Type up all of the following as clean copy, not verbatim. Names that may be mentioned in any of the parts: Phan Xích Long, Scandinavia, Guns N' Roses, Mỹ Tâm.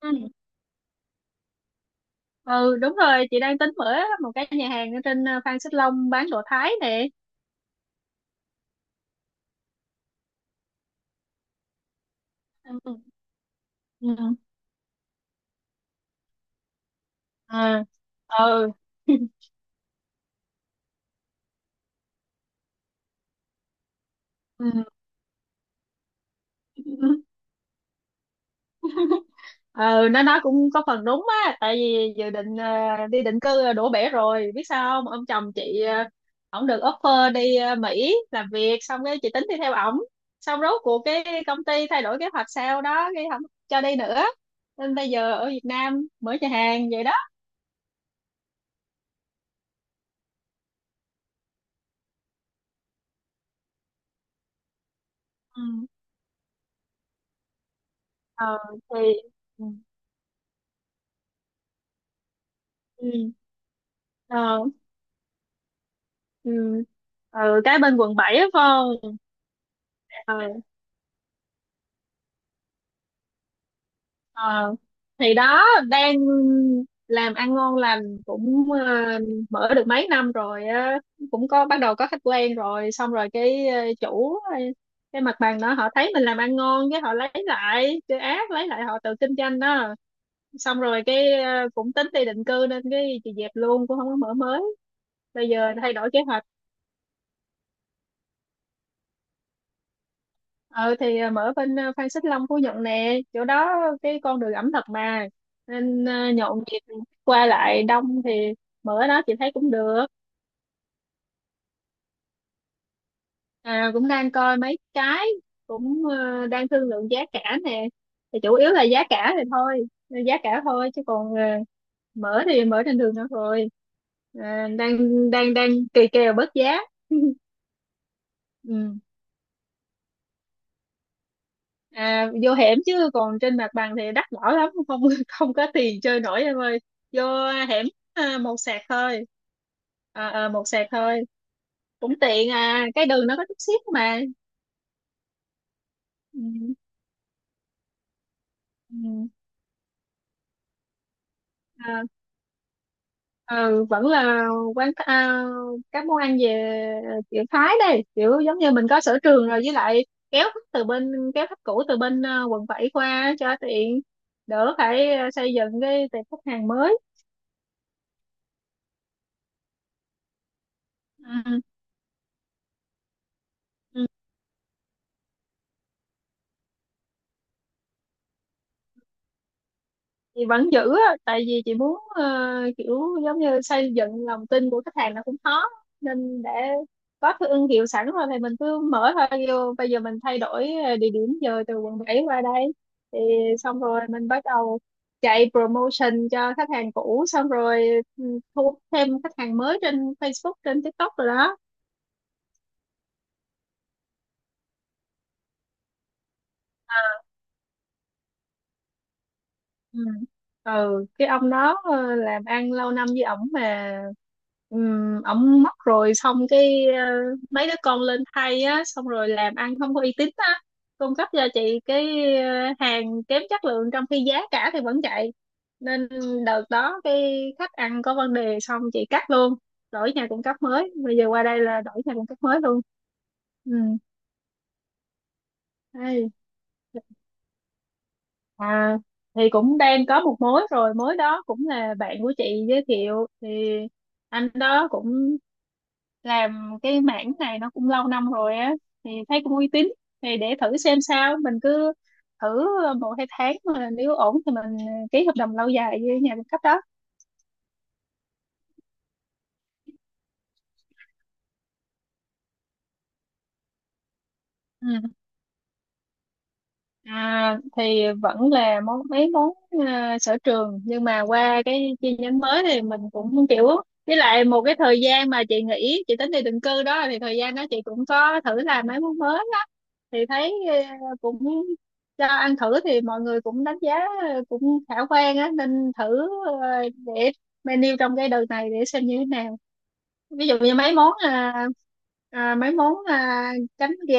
Ừ. Ừ đúng rồi, chị đang tính mở một cái nhà hàng ở trên Phan Xích Long, bán đồ Thái nè. Ừ. Ừ. À, ừ. Ừ. Ừ nó nói cũng có phần đúng á, tại vì dự định đi định cư đổ bể rồi. Biết sao không, ông chồng chị ổng được offer đi Mỹ làm việc, xong cái chị tính đi theo ổng. Xong rốt cuộc cái công ty thay đổi kế hoạch sao đó, cái không cho đi nữa, nên bây giờ ở Việt Nam mở nhà hàng vậy đó. Ừ. ờ thì ừ. Ừ. Ờ. Ừ. Ừ, cái bên quận 7 á, Phong. Ờ. Ờ thì đó, đang làm ăn ngon lành cũng mở được mấy năm rồi á, cũng có bắt đầu có khách quen rồi. Xong rồi cái chủ cái mặt bằng đó, họ thấy mình làm ăn ngon cái họ lấy lại, cái ác lấy lại, họ tự kinh doanh đó. Xong rồi cái cũng tính đi định cư nên cái chị dẹp luôn, cũng không có mở mới. Bây giờ thay đổi kế hoạch. Ờ thì à, mở bên à, Phan Xích Long Phú Nhuận nè, chỗ đó cái con đường ẩm thực mà, nên à, nhộn nhịp, qua lại đông, thì mở đó chị thấy cũng được. À, cũng đang coi mấy cái, cũng à, đang thương lượng giá cả nè. Thì chủ yếu là giá cả thì thôi, giá cả thôi, chứ còn à, mở thì mở trên đường nữa rồi. À, đang đang đang kỳ kèo bớt giá. Ừ. À, vô hẻm chứ còn trên mặt bằng thì đắt đỏ lắm, không không có tiền chơi nổi em ơi. Vô hẻm, à, một sạc thôi. À, một sạc thôi. Cũng tiện, à cái đường nó có chút xíu mà. Ừ, ừ, à, ừ, vẫn là quán à, các món ăn về kiểu Thái đây, kiểu giống như mình có sở trường rồi, với lại kéo khách từ bên, kéo khách cũ từ bên à, quận 7 qua cho tiện, đỡ phải à, xây dựng cái tệp khách hàng mới. Ừ. Ừ. Chị vẫn giữ á, tại vì chị muốn kiểu giống như xây dựng lòng tin của khách hàng là cũng khó, nên để có cái thương hiệu sẵn rồi thì mình cứ mở thôi. Vô bây giờ mình thay đổi địa điểm giờ từ quận 7 qua đây, thì xong rồi mình bắt đầu chạy promotion cho khách hàng cũ, xong rồi ừ, thu hút thêm khách hàng mới trên Facebook, trên TikTok rồi đó. Ừ. Ừ cái ông đó làm ăn lâu năm với ổng mà. Ổng mất rồi, xong cái mấy đứa con lên thay á, xong rồi làm ăn không có uy tín á, cung cấp cho chị cái hàng kém chất lượng, trong khi giá cả thì vẫn chạy, nên đợt đó cái khách ăn có vấn đề, xong chị cắt luôn, đổi nhà cung cấp mới. Bây giờ qua đây là đổi nhà cung cấp mới luôn. Ừ. Hay à, thì cũng đang có một mối rồi, mối đó cũng là bạn của chị giới thiệu, thì anh đó cũng làm cái mảng này nó cũng lâu năm rồi á, thì thấy cũng uy tín, thì để thử xem sao. Mình cứ thử 1-2 tháng mà nếu ổn thì mình ký hợp đồng lâu dài với nhà cung cấp đó. Ừ. À, thì vẫn là mấy món à, sở trường, nhưng mà qua cái chi nhánh mới thì mình cũng kiểu, với lại một cái thời gian mà chị nghỉ, chị tính đi định cư đó, thì thời gian đó chị cũng có thử làm mấy món mới đó, thì thấy à, cũng cho ăn thử thì mọi người cũng đánh giá à, cũng khả quan á, nên thử à, để menu trong cái đợt này để xem như thế nào. Ví dụ như mấy món à, à, mấy món à, chấm gà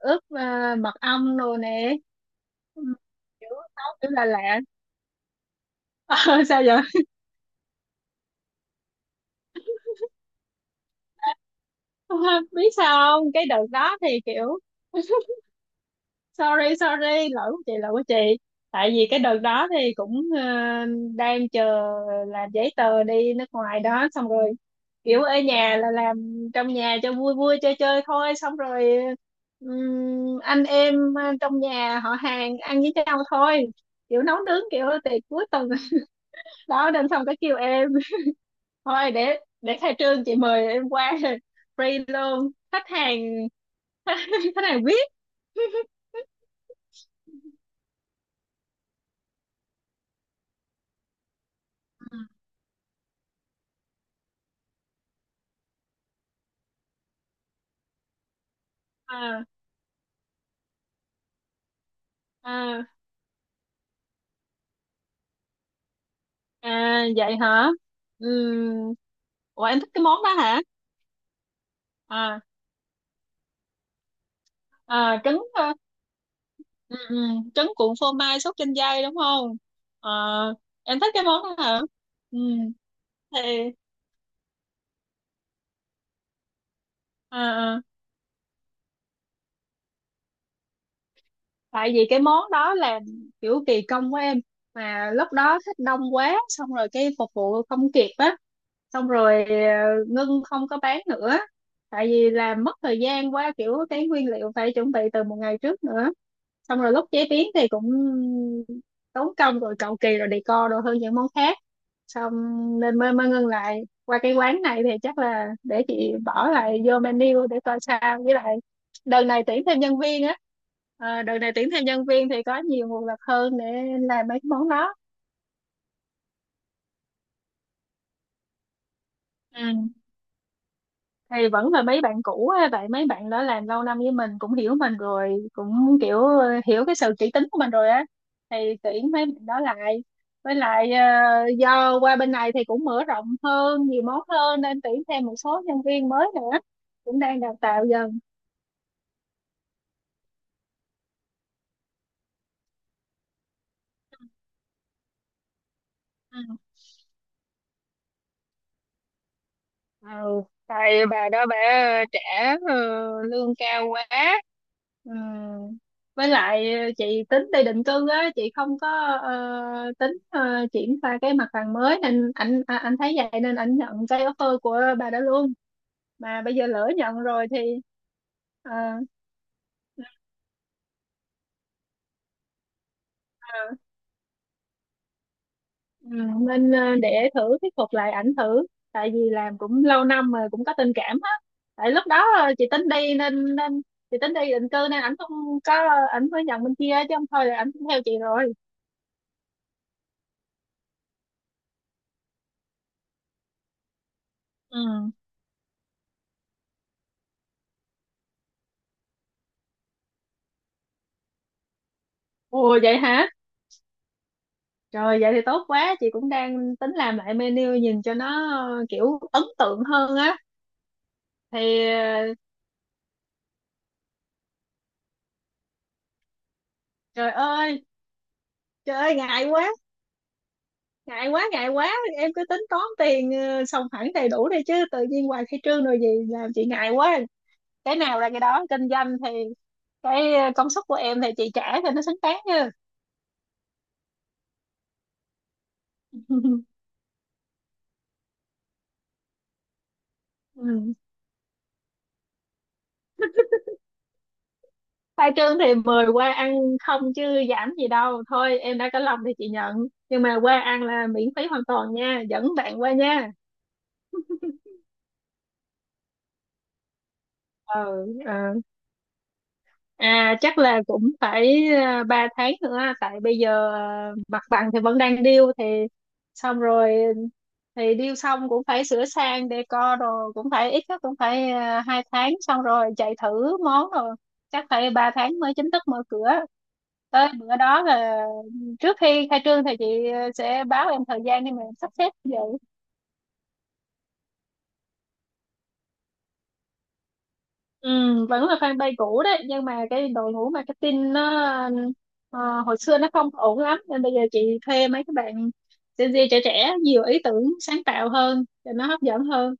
ướp à, mật ong đồ nè. Ừm, Kiểu nấu kiểu là lạ. Ờ, sao vậy? Biết sao không, cái đợt đó thì kiểu sorry sorry lỗi của chị, lỗi của chị. Tại vì cái đợt đó thì cũng đang chờ làm giấy tờ đi nước ngoài đó, xong rồi kiểu ở nhà là làm trong nhà cho vui vui chơi chơi thôi. Xong rồi anh em trong nhà họ hàng ăn với nhau thôi, kiểu nấu nướng kiểu tiệc cuối tuần. Đó nên xong cái kêu em, thôi để khai trương chị mời em qua. Free luôn khách hàng. Khách hàng VIP. À, à. À vậy hả? Ừm, Ủa em thích cái món đó hả? À, à trứng ừ, ừ, trứng cuộn phô mai sốt chanh dây đúng không? Ờ, em thích cái món đó hả? Ừm, Thì à, à, tại vì cái món đó là kiểu kỳ công của em, mà lúc đó thích đông quá, xong rồi cái phục vụ không kịp á, xong rồi ngưng không có bán nữa. Tại vì làm mất thời gian quá, kiểu cái nguyên liệu phải chuẩn bị từ một ngày trước nữa, xong rồi lúc chế biến thì cũng tốn công rồi, cầu kỳ rồi decor đồ hơn những món khác, xong nên mới mới ngưng lại. Qua cái quán này thì chắc là để chị bỏ lại vô menu để coi sao, với lại đợt này tuyển thêm nhân viên á. Ờ, đợt này tuyển thêm nhân viên thì có nhiều nguồn lực hơn để làm mấy cái món đó. Ừ. Thì vẫn là mấy bạn cũ á, vậy mấy bạn đó làm lâu năm với mình, cũng hiểu mình rồi, cũng kiểu hiểu cái sự kỹ tính của mình rồi á, thì tuyển mấy bạn đó lại, với lại do qua bên này thì cũng mở rộng hơn, nhiều món hơn, nên tuyển thêm một số nhân viên mới nữa, cũng đang đào tạo dần. Ừ, tại bà đó bà trả ờ, lương cao quá. Ừ. Với lại chị tính đi định cư á, chị không có ờ, tính triển khai cái mặt bằng mới, nên anh à, anh thấy vậy nên anh nhận cái offer của bà đó luôn, mà bây giờ lỡ nhận rồi thì ờ, Ừ, nên để thử thuyết phục lại ảnh thử, tại vì làm cũng lâu năm rồi, cũng có tình cảm á. Tại lúc đó chị tính đi nên nên chị tính đi định cư nên ảnh không có, ảnh mới nhận bên kia, chứ không thôi là ảnh cũng theo chị rồi. Ừ. Ồ vậy hả? Rồi vậy thì tốt quá, chị cũng đang tính làm lại menu nhìn cho nó kiểu ấn tượng hơn á. Thì ờ, trời ơi. Trời ơi ngại quá ngại quá. Em cứ tính toán tiền xong hẳn đầy đủ đi, chứ tự nhiên hoài khai trương rồi gì làm chị ngại quá. Cái nào ra cái đó, kinh doanh thì cái công suất của em thì chị trả cho nó xứng đáng chứ. Ừ. Khai trương thì mời qua ăn, không chứ giảm gì đâu. Thôi em đã có lòng thì chị nhận, nhưng mà qua ăn là miễn phí hoàn toàn nha, dẫn bạn qua nha. Ừ. Ừ. À chắc là cũng phải à, 3 tháng nữa, tại bây giờ à, mặt bằng thì vẫn đang điêu. Thì xong rồi thì điêu xong cũng phải sửa sang decor, rồi cũng phải ít nhất cũng phải à, 2 tháng, xong rồi chạy thử món, rồi chắc phải 3 tháng mới chính thức mở cửa. Tới bữa đó là trước khi khai trương thì chị sẽ báo em thời gian để mà em sắp xếp vậy. Ừ, vẫn là fanpage cũ đấy, nhưng mà cái đội ngũ marketing nó ờ, hồi xưa nó không ổn lắm, nên bây giờ chị thuê mấy các bạn Gen Z trẻ trẻ, nhiều ý tưởng sáng tạo hơn cho nó hấp dẫn hơn.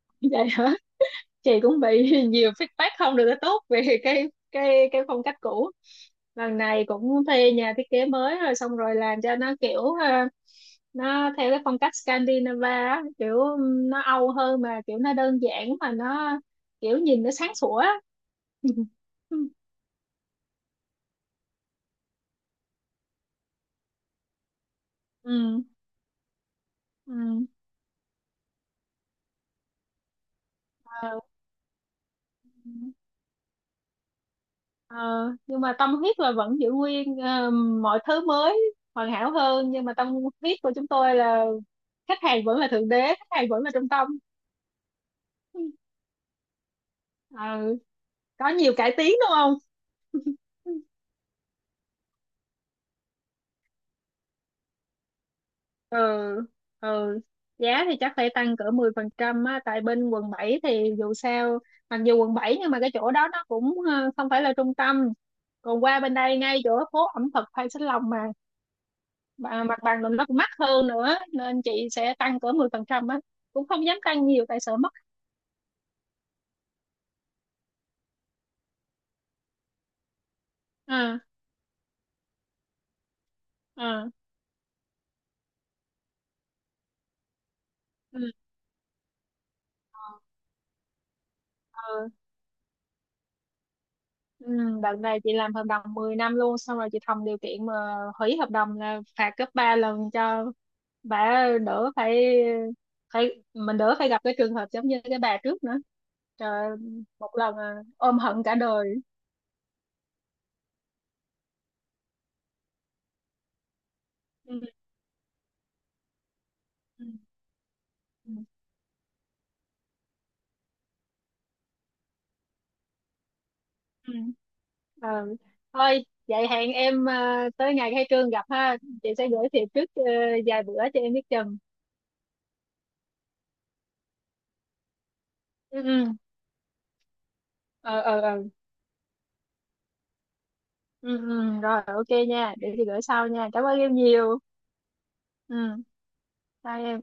Vậy hả, chị cũng bị nhiều feedback không được tốt về cái phong cách cũ. Lần này cũng thuê nhà thiết kế mới rồi, xong rồi làm cho nó kiểu nó theo cái phong cách Scandinavia á, kiểu nó Âu hơn, mà kiểu nó đơn giản, mà nó kiểu nhìn nó sáng sủa. Ừ. Ừ. Ờ, Ờ, nhưng mà tâm huyết là vẫn giữ nguyên mọi thứ mới hoàn hảo hơn, nhưng mà tâm huyết của chúng tôi là khách hàng vẫn là thượng đế, khách hàng vẫn là trung tâm. Ờ, có nhiều cải tiến đúng không. Ừ. Ừ, giá thì chắc phải tăng cỡ 10% á, tại bên quận 7 thì dù sao, mặc dù quận 7 nhưng mà cái chỗ đó nó cũng không phải là trung tâm, còn qua bên đây ngay chỗ phố ẩm thực Phan Xích Long mà. Và mặt bằng nó cũng mắc hơn nữa, nên chị sẽ tăng cỡ 10% á, cũng không dám tăng nhiều tại sợ mất. À, à, ừ, ừ, ừ. Đợt này chị làm hợp đồng 10 năm luôn, xong rồi chị thầm điều kiện mà hủy hợp đồng là phạt gấp 3 lần, cho bà đỡ phải, mình đỡ phải gặp cái trường hợp giống như cái bà trước nữa. Trời, ơi, một lần à, ôm hận cả đời. Ừ, ừ, ừ. Ừ. Ờ, thôi vậy hẹn em tới ngày khai trương gặp ha. Chị sẽ gửi thiệp trước vài bữa cho em biết chừng. Ừ. Ừ. Ờ. Ờ. Ờ. Ừ ừ rồi ok nha, để chị gửi sau nha, cảm ơn em nhiều. Ừ, bye em.